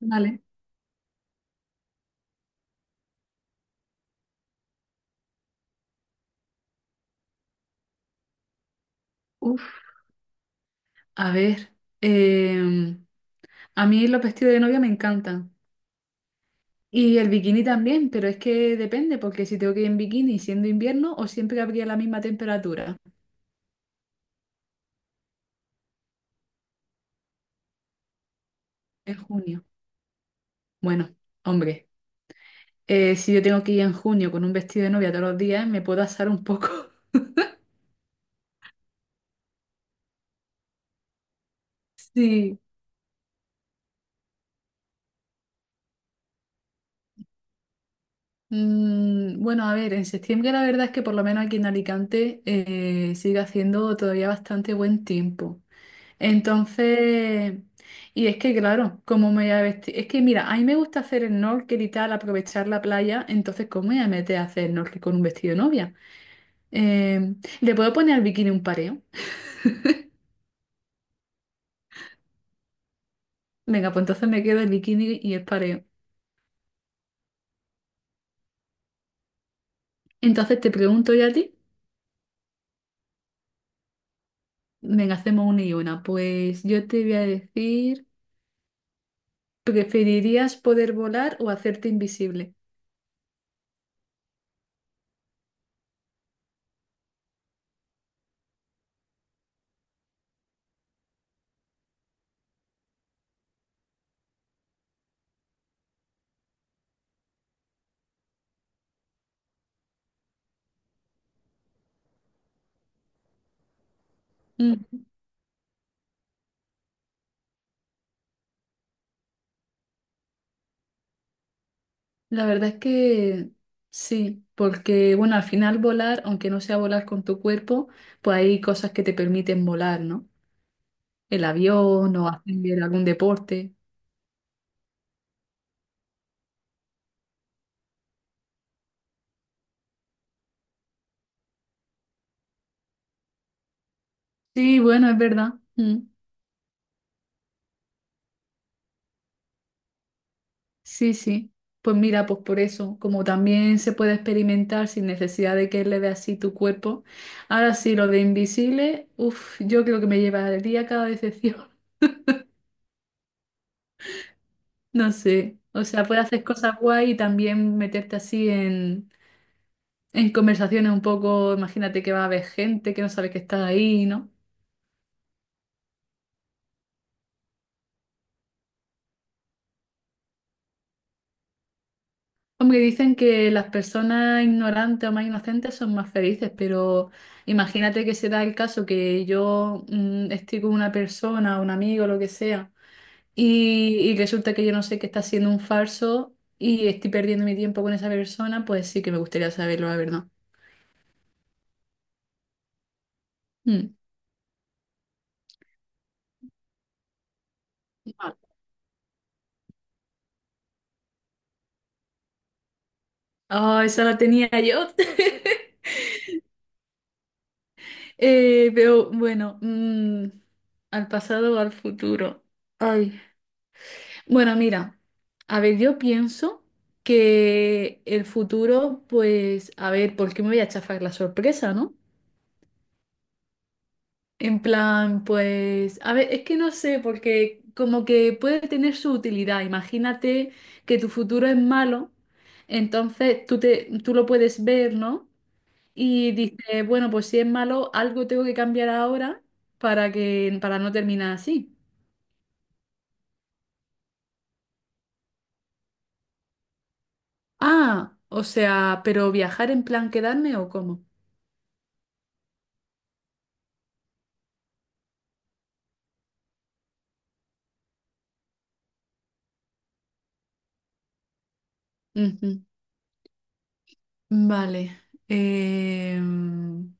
Vale. Uf, a ver. em, a mí los vestidos de novia me encantan. Y el bikini también, pero es que depende, porque si tengo que ir en bikini siendo invierno o siempre habría la misma temperatura en junio. Bueno, hombre, si yo tengo que ir en junio con un vestido de novia todos los días, me puedo asar un poco. Sí. Mm, bueno, a ver, en septiembre la verdad es que por lo menos aquí en Alicante sigue haciendo todavía bastante buen tiempo. Entonces, y es que claro, ¿cómo me voy a vestir? Es que mira, a mí me gusta hacer snorkel y tal, aprovechar la playa, entonces ¿cómo me voy a meter a hacer snorkel con un vestido de novia? Eh, ¿Le puedo poner al bikini un pareo? Venga, pues entonces me quedo el bikini y el pareo. Entonces te pregunto yo a ti, venga, hacemos una y una. Pues yo te voy a decir, ¿preferirías poder volar o hacerte invisible? Mm. La verdad es que sí, porque bueno, al final volar, aunque no sea volar con tu cuerpo, pues hay cosas que te permiten volar, ¿no? El avión o hacer algún deporte. Sí, bueno, es verdad. Mm. Sí, sí. Pues mira, pues por eso, como también se puede experimentar sin necesidad de que le veas así tu cuerpo. Ahora sí, lo de invisible, uff, yo creo que me llevaría cada decepción. No sé. O sea, puedes hacer cosas guay y también meterte así en conversaciones un poco, imagínate que va a haber gente que no sabe que está ahí, ¿no? Hombre, dicen que las personas ignorantes o más inocentes son más felices, pero imagínate que se da el caso que yo estoy con una persona, un amigo, lo que sea, y resulta que yo no sé que está siendo un falso y estoy perdiendo mi tiempo con esa persona, pues sí que me gustaría saberlo, la verdad. Mm. Ah, esa la tenía yo. Veo, bueno, al pasado o al futuro. Ay. Bueno, mira, a ver, yo pienso que el futuro, pues, a ver, ¿por qué me voy a chafar la sorpresa, no? En plan, pues, a ver, es que no sé, porque como que puede tener su utilidad. Imagínate que tu futuro es malo, entonces tú lo puedes ver, ¿no? Y dice, bueno, pues si es malo, algo tengo que cambiar ahora para no terminar así. Ah, o sea, ¿pero viajar en plan quedarme o cómo? Ujú. Vale. Em,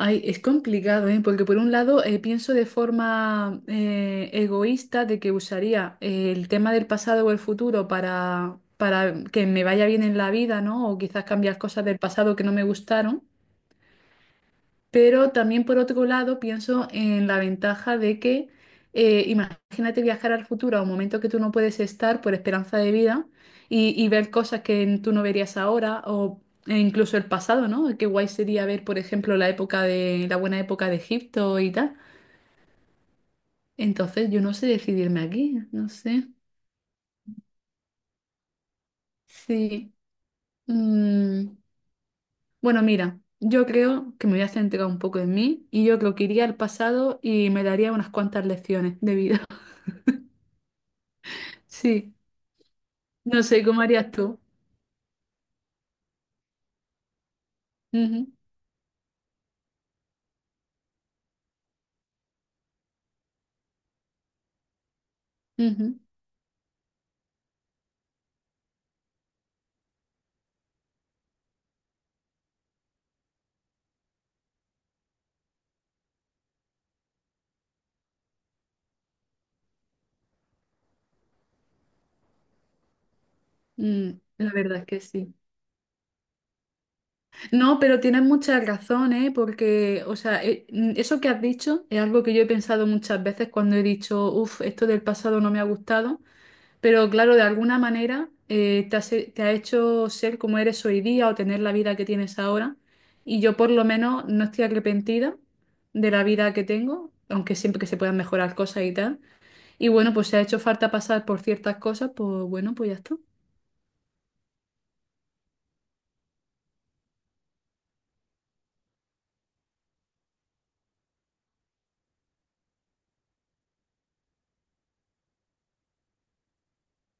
ay, es complicado, ¿eh? Porque por un lado pienso de forma egoísta de que usaría el tema del pasado o el futuro para que me vaya bien en la vida, ¿no? O quizás cambiar cosas del pasado que no me gustaron. Pero también por otro lado pienso en la ventaja de que imagínate viajar al futuro a un momento que tú no puedes estar por esperanza de vida y ver cosas que tú no verías ahora o incluso el pasado, ¿no? Qué guay sería ver, por ejemplo, la época de la buena época de Egipto y tal. Entonces yo no sé decidirme aquí, no sé. Sí. Mm, bueno, mira, yo creo que me voy a centrar un poco en mí y yo creo que iría al pasado y me daría unas cuantas lecciones de vida. Sí. No sé cómo harías tú. Ujú, ujú, mm, la verdad es que sí. No, pero tienes muchas razones, ¿eh? Porque, o sea, eso que has dicho es algo que yo he pensado muchas veces cuando he dicho, uff, esto del pasado no me ha gustado, pero claro, de alguna manera te ha hecho ser como eres hoy día o tener la vida que tienes ahora. Y yo por lo menos no estoy arrepentida de la vida que tengo, aunque siempre que se puedan mejorar cosas y tal. Y bueno, pues si ha hecho falta pasar por ciertas cosas, pues bueno, pues ya está.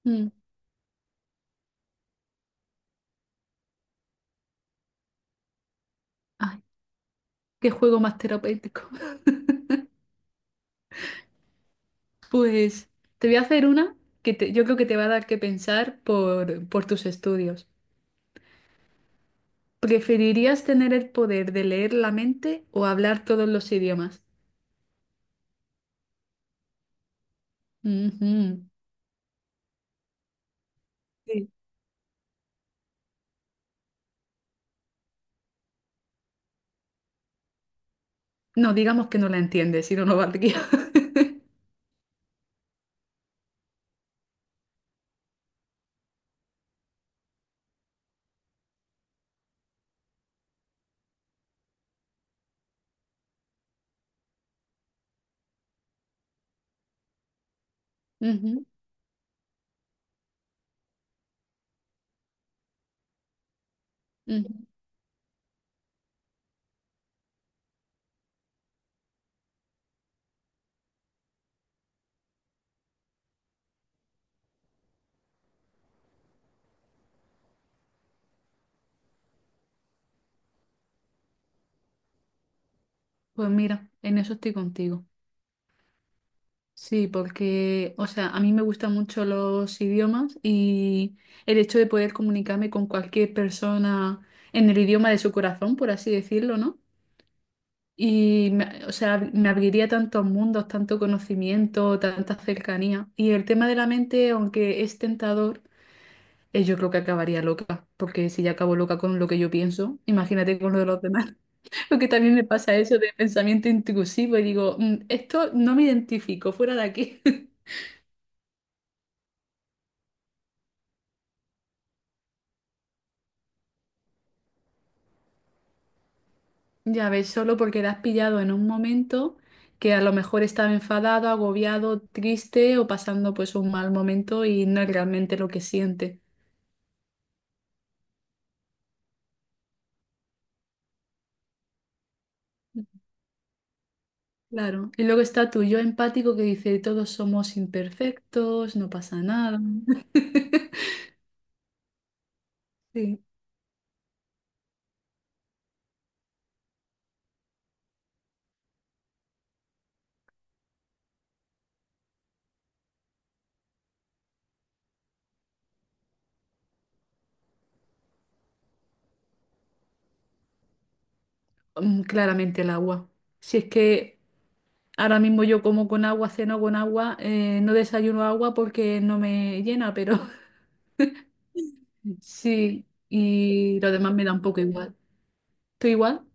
Mm. Ay, qué juego más terapéutico. Pues te voy a hacer una yo creo que te va a dar que pensar por tus estudios. ¿Preferirías tener el poder de leer la mente o hablar todos los idiomas? Ujú. Sí. No, digamos que no la entiendes, si no, no valdría. Ujú, ujú. Pues mira, en eso estoy contigo. Sí, porque, o sea, a mí me gustan mucho los idiomas y el hecho de poder comunicarme con cualquier persona en el idioma de su corazón, por así decirlo, ¿no? Y, o sea, me abriría tantos mundos, tanto conocimiento, tanta cercanía. Y el tema de la mente, aunque es tentador, yo creo que acabaría loca, porque si ya acabo loca con lo que yo pienso, imagínate con lo de los demás. Porque también me pasa eso de pensamiento intrusivo y digo, "Mm, esto no me identifico, fuera de aquí". Ya ves, solo porque la has pillado en un momento que a lo mejor estaba enfadado, agobiado, triste o pasando pues un mal momento y no es realmente lo que siente. Claro. Y luego está tu yo empático que dice, todos somos imperfectos, no pasa nada. Sí. Mm, claramente el agua. Si es que ahora mismo yo como con agua, ceno con agua, no desayuno agua porque no me llena, pero sí, y lo demás me da un poco igual. ¿Tú igual?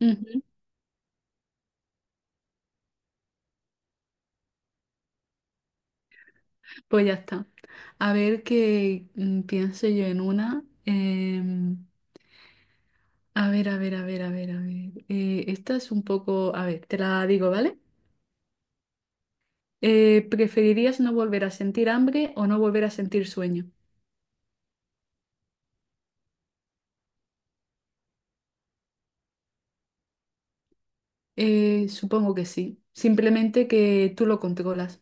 Ujú. Pues ya está. A ver qué pienso yo en una. A ver, a ver, a ver, a ver, a ver. Esta es un poco. A ver, te la digo, ¿vale? ¿Preferirías no volver a sentir hambre o no volver a sentir sueño? Supongo que sí. Simplemente que tú lo controlas.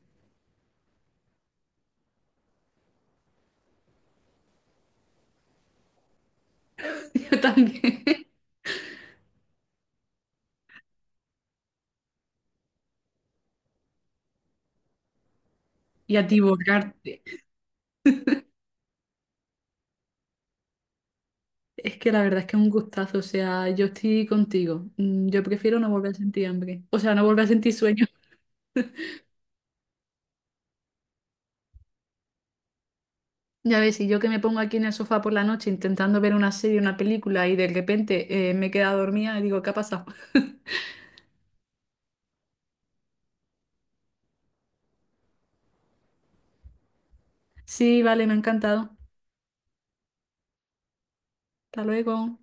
Yo también. Y a ti borrarte. Es que la verdad es que es un gustazo. O sea, yo estoy contigo. Mm, yo prefiero no volver a sentir hambre. O sea, no volver a sentir sueño. Ya ves, y yo que me pongo aquí en el sofá por la noche intentando ver una serie, una película y de repente me he quedado dormida y digo, ¿qué ha pasado? Sí, vale, me ha encantado. Hasta luego.